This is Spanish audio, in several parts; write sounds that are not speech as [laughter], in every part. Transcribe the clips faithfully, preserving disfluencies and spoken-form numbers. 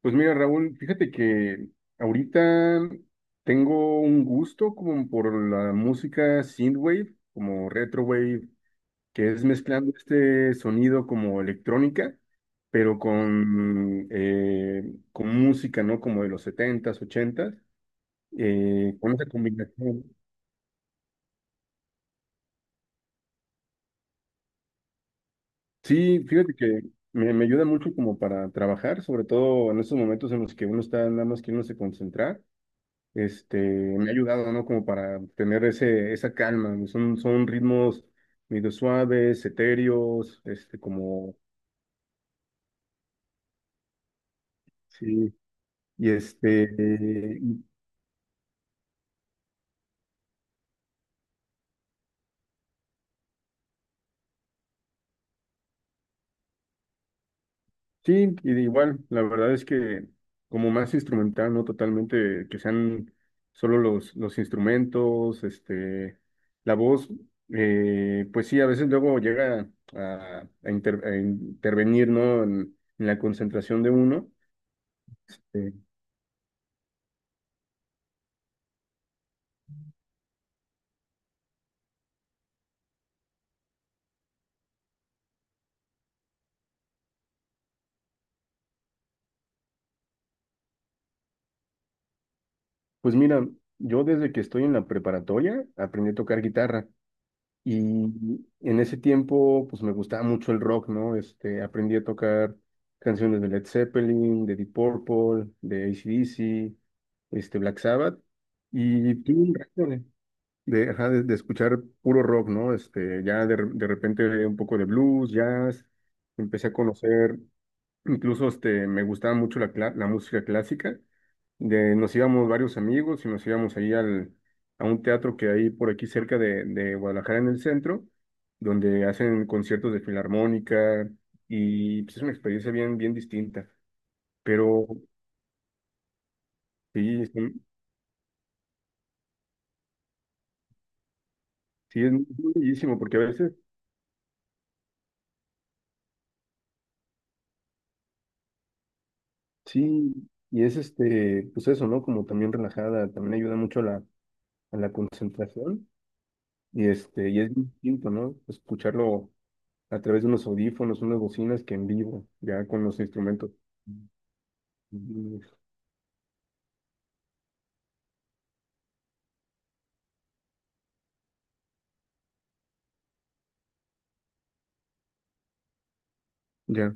Pues mira, Raúl, fíjate que ahorita tengo un gusto como por la música synthwave, como retrowave, que es mezclando este sonido como electrónica, pero con, eh, con música, ¿no? Como de los setentas, ochentas. Eh, con esa combinación. Sí, fíjate que me, me ayuda mucho como para trabajar, sobre todo en esos momentos en los que uno está nada más queriéndose concentrar, este, me ha ayudado, ¿no? Como para tener ese, esa calma. Son, son ritmos medio suaves, etéreos, este, como, sí. Y este, eh, sí, y de igual, la verdad es que como más instrumental, ¿no? Totalmente, que sean solo los, los instrumentos, este, la voz, eh, pues sí, a veces luego llega a, a inter- a intervenir, ¿no? En, en la concentración de uno. Este, pues mira, yo desde que estoy en la preparatoria aprendí a tocar guitarra y en ese tiempo pues me gustaba mucho el rock, ¿no? Este, aprendí a tocar canciones de Led Zeppelin, de Deep Purple, de A C/D C, este, Black Sabbath, y tuve un rato de, de, ajá, de- de escuchar puro rock, ¿no? Este, ya de, re- de repente un poco de blues, jazz, empecé a conocer. Incluso este, me gustaba mucho la, cla- la música clásica. De, nos íbamos varios amigos y nos íbamos ahí al, a un teatro que hay por aquí cerca de, de Guadalajara en el centro, donde hacen conciertos de filarmónica, y pues, es una experiencia bien, bien distinta. Pero sí, son- sí es muy bellísimo porque a veces sí, y es este, pues eso, ¿no? Como también relajada, también ayuda mucho a la, a la concentración y este, y es distinto, ¿no? Escucharlo a través de unos audífonos, unas bocinas que en vivo, ya con los instrumentos. Mm, ya.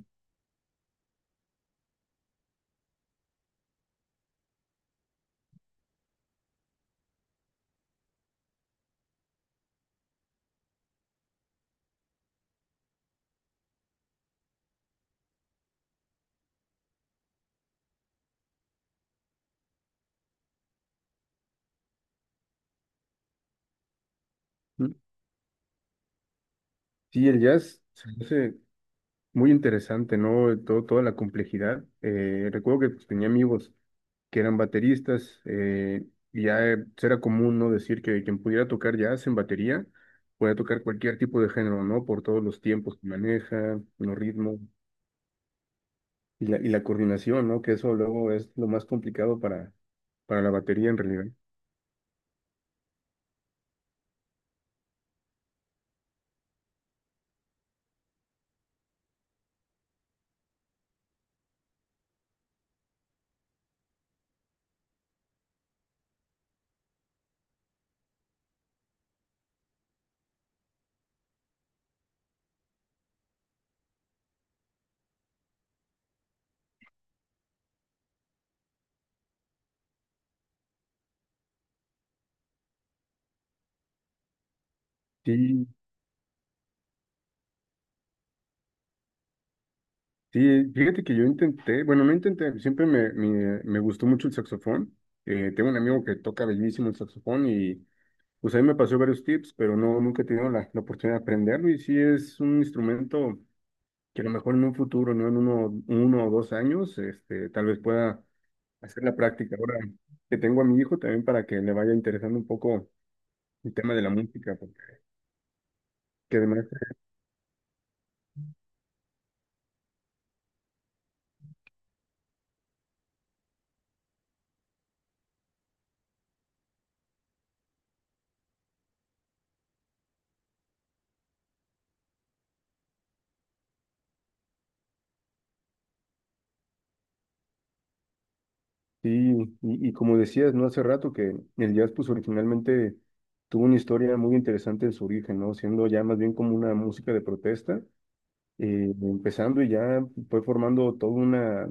Mm. Sí, el jazz se me hace muy interesante, ¿no? Eh, todo, toda la complejidad. Eh, recuerdo que pues, tenía amigos que eran bateristas, eh, y ya eh, pues, era común, ¿no? Decir que quien pudiera tocar jazz en batería, podía tocar cualquier tipo de género, ¿no? Por todos los tiempos que maneja, los ritmos y la, y la coordinación, ¿no? Que eso luego es lo más complicado para, para la batería en realidad. Sí, sí, fíjate que yo intenté, bueno, no intenté, siempre me, me, me gustó mucho el saxofón. Eh, tengo un amigo que toca bellísimo el saxofón y pues ahí me pasó varios tips, pero no, nunca he tenido la, la oportunidad de aprenderlo y sí es un instrumento que a lo mejor en un futuro, no en uno, uno o dos años, este, tal vez pueda hacer la práctica. Ahora que tengo a mi hijo también para que le vaya interesando un poco el tema de la música, porque que además sí, y, y como decías, ¿no? Hace rato que el jazz pues originalmente tuvo una historia muy interesante en su origen, ¿no? Siendo ya más bien como una música de protesta, eh, empezando y ya fue formando toda una,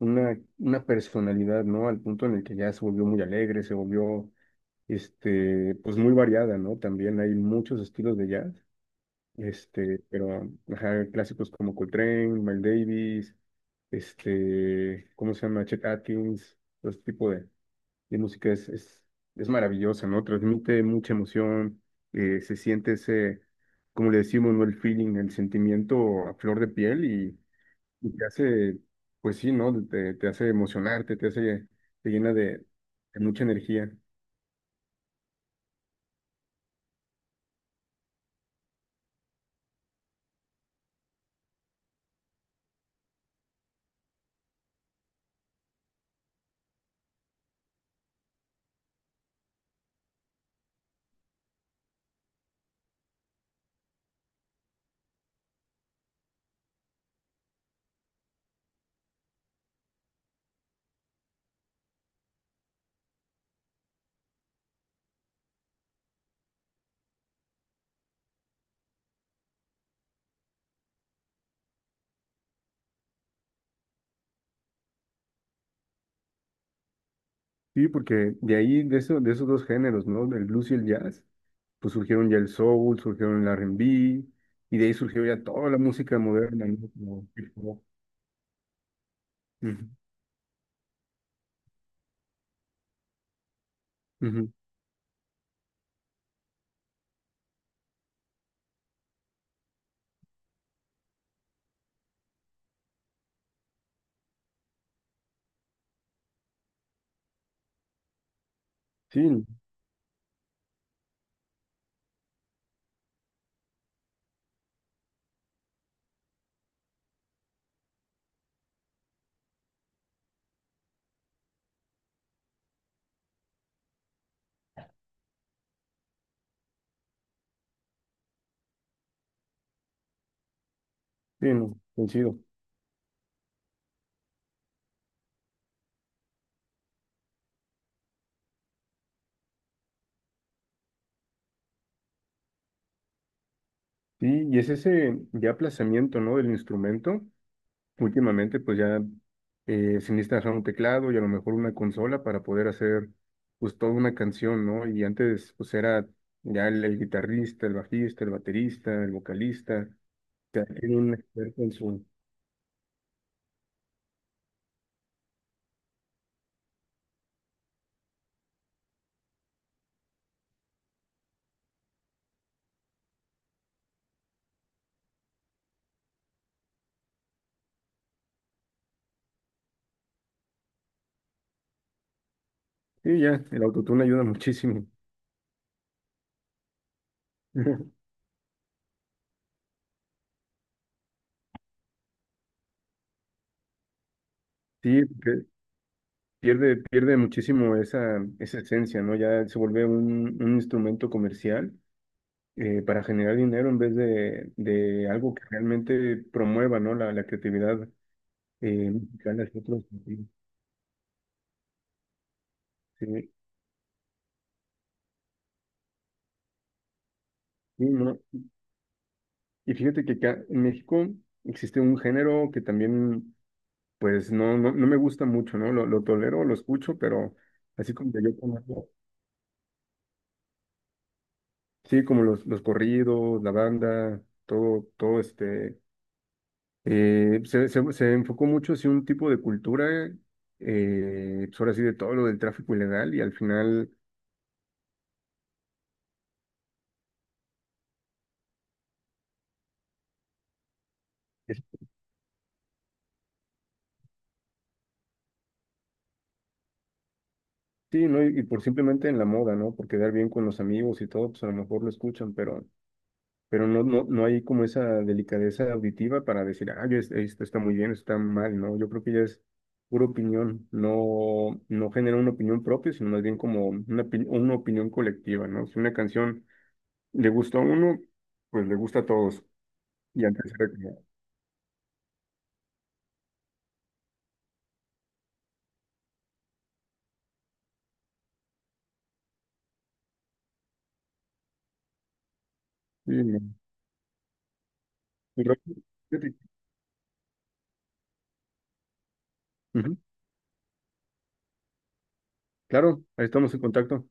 una, una personalidad, ¿no? Al punto en el que ya se volvió muy alegre, se volvió, este, pues muy variada, ¿no? También hay muchos estilos de jazz, este, pero ajá, clásicos como Coltrane, Miles Davis, este, ¿cómo se llama? Chet Atkins, todo ese tipo de y música es, es, es maravillosa, ¿no? Transmite mucha emoción, eh, se siente ese, como le decimos, ¿no? El feeling, el sentimiento a flor de piel y, y te hace, pues sí, ¿no? Te, te hace emocionarte, te hace, te llena de, de mucha energía. Sí, porque de ahí, de, eso, de esos dos géneros, ¿no? Del blues y el jazz, pues surgieron ya el soul, surgieron el R and B, y de ahí surgió ya toda la música moderna, ¿no? Como hip hop. Ujú, ujú. Sí, sí, no, coincido. Sí, y es ese ya aplazamiento, ¿no? Del instrumento. Últimamente, pues ya eh, se necesita hacer un teclado y a lo mejor una consola para poder hacer pues toda una canción, ¿no? Y antes pues era ya el, el guitarrista, el bajista, el baterista, el vocalista, cada quien un experto en su... Sí, ya, el autotune ayuda muchísimo. [laughs] Sí, porque pierde, pierde muchísimo esa, esa esencia, ¿no? Ya se vuelve un, un instrumento comercial eh, para generar dinero en vez de, de algo que realmente promueva, ¿no? La, la creatividad eh, mexicana hacia otros sentidos. Sí, sí, ¿no? Y fíjate que acá en México existe un género que también, pues, no, no, no me gusta mucho, ¿no? Lo, lo tolero, lo escucho, pero así como que yo conozco, sí, como los, los corridos, la banda, todo, todo este... Eh, se, se, se enfocó mucho hacia un tipo de cultura, eh, pues ahora sí, de todo lo del tráfico ilegal y al final sí, ¿no? Y, y por simplemente en la moda, ¿no? Por quedar bien con los amigos y todo, pues a lo mejor lo escuchan, pero, pero no, no, no hay como esa delicadeza auditiva para decir, ah, yo es- esto está muy bien, esto está mal, ¿no? Yo creo que ya es pura opinión, no, no genera una opinión propia, sino más bien como una, opi- una opinión colectiva, ¿no? Si una canción le gusta a uno, pues le gusta a todos. Y antes era como, sí, no. Ujú, claro, ahí estamos en contacto.